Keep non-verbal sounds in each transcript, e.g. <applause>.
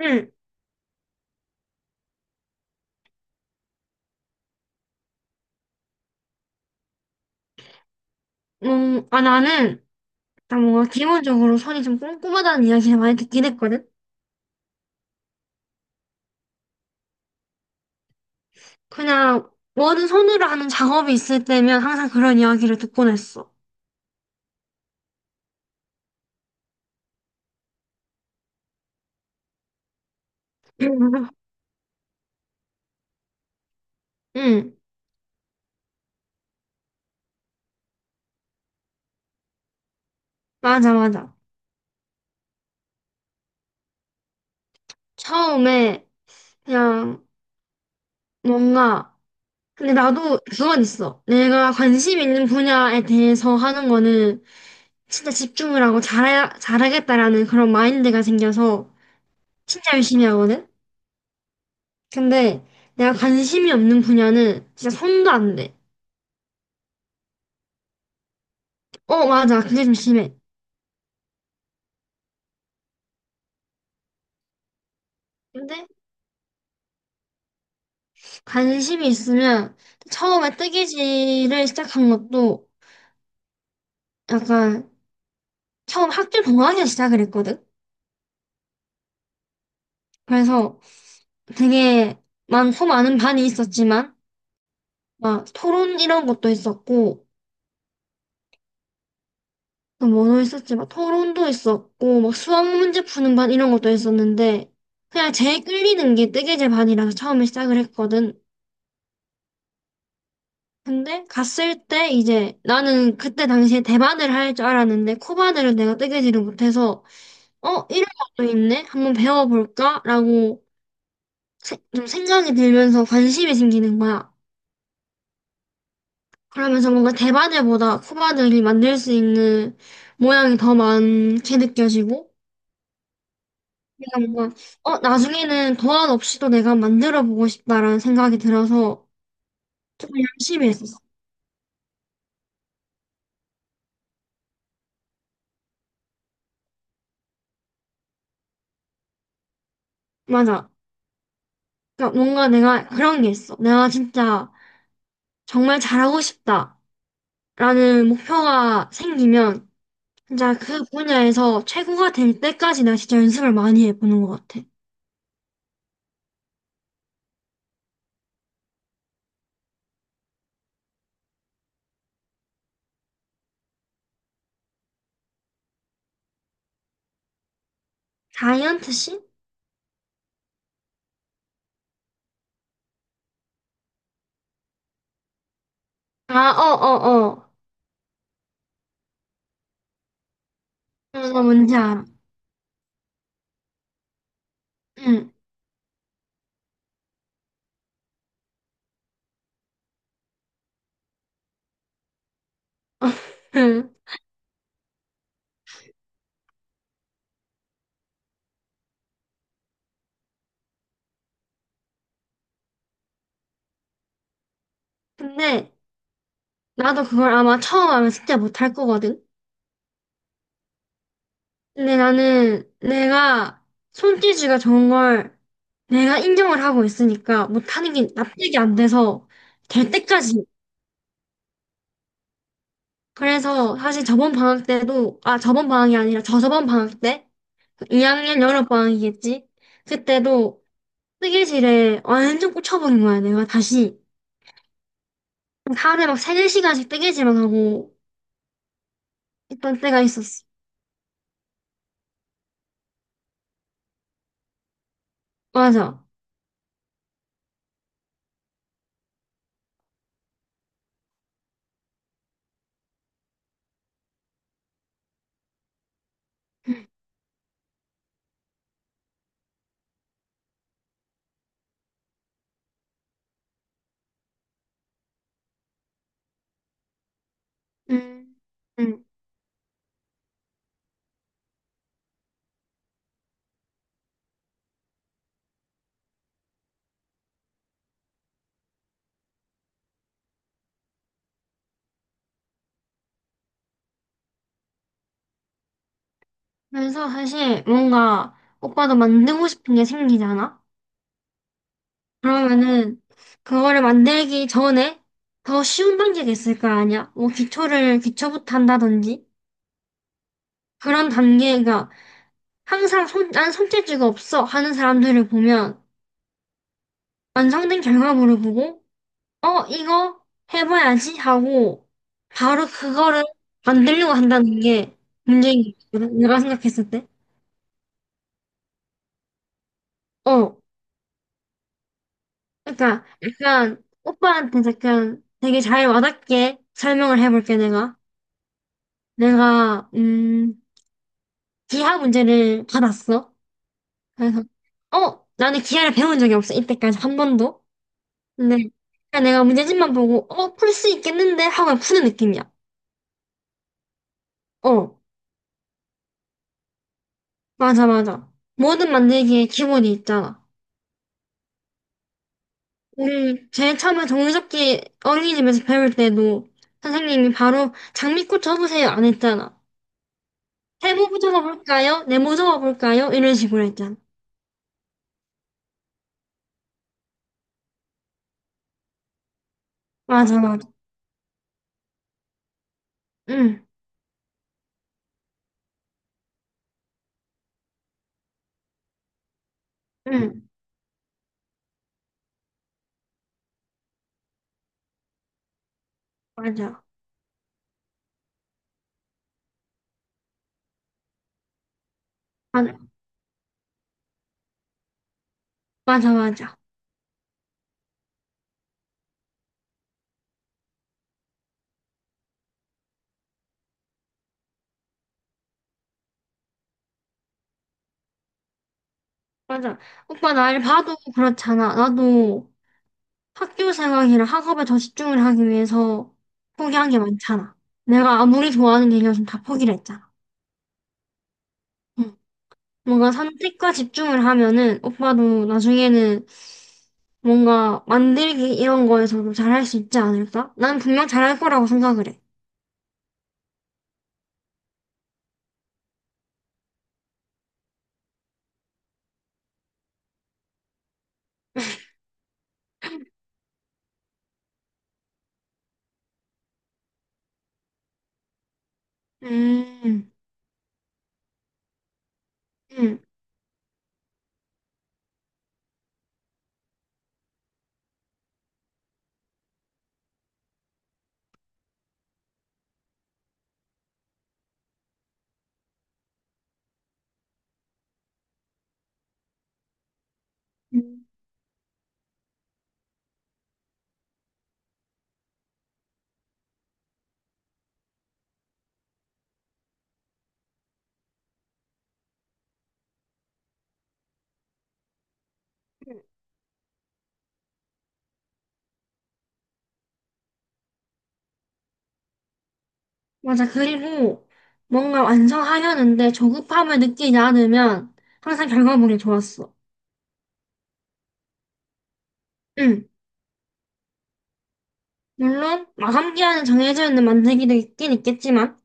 응, 아, 나는, 일단 뭔가 기본적으로 손이 좀 꼼꼼하다는 이야기를 많이 듣긴 했거든? 그냥, 뭐든 손으로 하는 작업이 있을 때면 항상 그런 이야기를 듣곤 했어. <laughs> 응, 맞아, 맞아. 처음에, 그냥, 뭔가, 근데 나도 그건 있어. 내가 관심 있는 분야에 대해서 하는 거는 진짜 집중을 하고 잘해, 잘하겠다라는 그런 마인드가 생겨서 진짜 열심히 하거든? 근데, 내가 관심이 없는 분야는 진짜 손도 안 돼. 어, 맞아. 그게 좀 심해. 근데 관심이 있으면 처음에 뜨개질을 시작한 것도 약간 처음 학교 동아리에 시작을 했거든. 그래서 되게 많고 많은 반이 있었지만 막 토론 이런 것도 있었고 또 뭐도 있었지, 막 토론도 있었고 막 수학 문제 푸는 반 이런 것도 있었는데 그냥 제일 끌리는 게 뜨개질 반이라서 처음에 시작을 했거든. 근데 갔을 때 이제 나는 그때 당시에 대바늘 할 줄 알았는데 코바늘은 내가 뜨개질을 못해서, 어 이런 것도 있네, 한번 배워볼까라고 좀 생각이 들면서 관심이 생기는 거야. 그러면서 뭔가 대바늘보다 코바늘이 만들 수 있는 모양이 더 많게 느껴지고, 내가 뭔가 어 나중에는 도안 없이도 내가 만들어 보고 싶다라는 생각이 들어서 조금 열심히 했었어. 맞아. 그러니까 뭔가 내가 그런 게 있어. 내가 진짜 정말 잘하고 싶다라는 목표가 생기면 진짜 그 분야에서 최고가 될 때까지 내가 진짜 연습을 많이 해보는 것 같아. 다이언트 씬? 아, 어, 어, 어. 어, 나 뭔지 알아. 응. <laughs> 근데 나도 그걸 아마 처음 하면 진짜 못할 거거든. 근데 나는 내가 손재주가 좋은 걸 내가 인정을 하고 있으니까 못하는 게 납득이 안 돼서 될 때까지. 그래서 사실 저번 방학 때도, 아, 저번 방학이 아니라 저저번 방학 때? 2학년 여름 방학이겠지? 그때도 뜨개질에 완전 꽂혀버린 거야, 내가 다시. 하루에 막 3, 4시간씩 뜨개질만 하고 있던 때가 있었어. 맞아. 음, 음. 그래서 사실 뭔가 오빠도 만들고 싶은 게 생기잖아? 그러면은 그거를 만들기 전에 더 쉬운 단계가 있을 거 아니야? 뭐 기초를, 기초부터 한다든지? 그런 단계가, 항상 손, 난 손재주가 없어 하는 사람들을 보면 완성된 결과물을 보고 어, 이거 해봐야지 하고 바로 그거를 만들려고 한다는 게 문제인 것 같거든. 내가 생각했을 때. 어, 그러니까 약간 오빠한테 약간 되게 잘 와닿게 설명을 해볼게 내가. 내가 기하 문제를 받았어. 그래서 어, 나는 기하를 배운 적이 없어 이때까지 한 번도. 근데 그냥 내가 문제집만 보고 어, 풀 수 있겠는데 하고 그냥 푸는 느낌이야. 어, 맞아, 맞아. 뭐든 만들기에 기본이 있잖아. 우리 제일 처음에 종이접기 어린이집에서 배울 때도 선생님이 바로 장미꽃 접으세요 안 했잖아. 세모 접어볼까요? 네모 접어볼까요? 이런 식으로 했잖아. 맞아, 맞아. 응, 응, 맞아. 맞아, 맞아, 맞아. 맞아. 오빠 날 봐도 그렇잖아. 나도 학교 생활이랑 학업에 더 집중을 하기 위해서 포기한 게 많잖아. 내가 아무리 좋아하는 일이어서 다 포기를 했잖아. 응. 뭔가 선택과 집중을 하면은 오빠도 나중에는 뭔가 만들기 이런 거에서도 잘할 수 있지 않을까? 난 분명 잘할 거라고 생각을 해. 음, 음, 음. 맞아. 그리고 뭔가 완성하려는데 조급함을 느끼지 않으면 항상 결과물이 좋았어. 응. 물론 마감기한은 정해져 있는 만들기도 있긴 있겠지만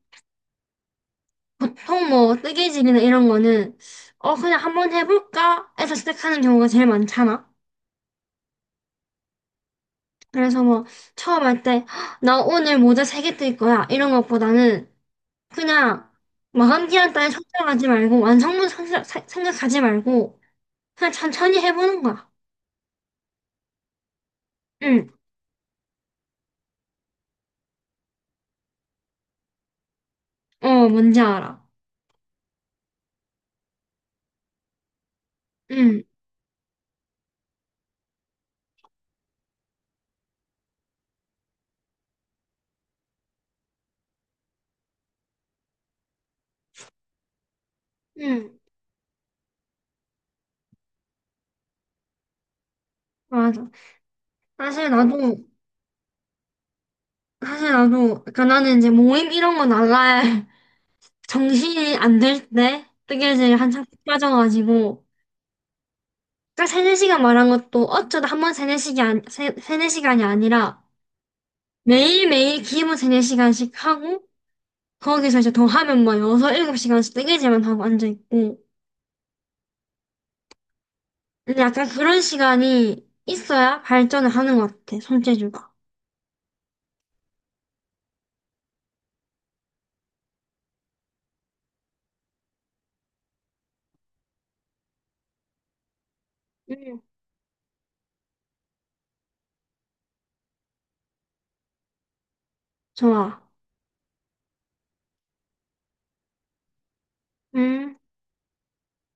보통 뭐 뜨개질이나 이런 거는 어 그냥 한번 해볼까 해서 시작하는 경우가 제일 많잖아. 그래서 뭐 처음 할 때 나 오늘 모자 3개 뜰 거야 이런 것보다는 그냥 마감 기한 따위 생각하지 말고 완성물 생각하지 말고 그냥 천천히 해보는 거야. 응, 어 뭔지 알아. 응, 응, 맞아. 사실 나도 사실 나도. 그러니까 나는 이제 모임 이런 거 나갈 <laughs> 정신이 안 들 때 뜨개질 한창 빠져가지고. 딱 세네 시간 말한 것도 어쩌다 한 번 세네 시간, 세네 시간이 아니라 매일매일 기본 세네 시간씩 하고 거기서 이제 더 하면 뭐 여섯, 일곱 시간씩 뜨개질만 하고 앉아있고. 근데 약간 그런 시간이 있어야 발전을 하는 것 같아, 손재주가. 음. 좋아. 음.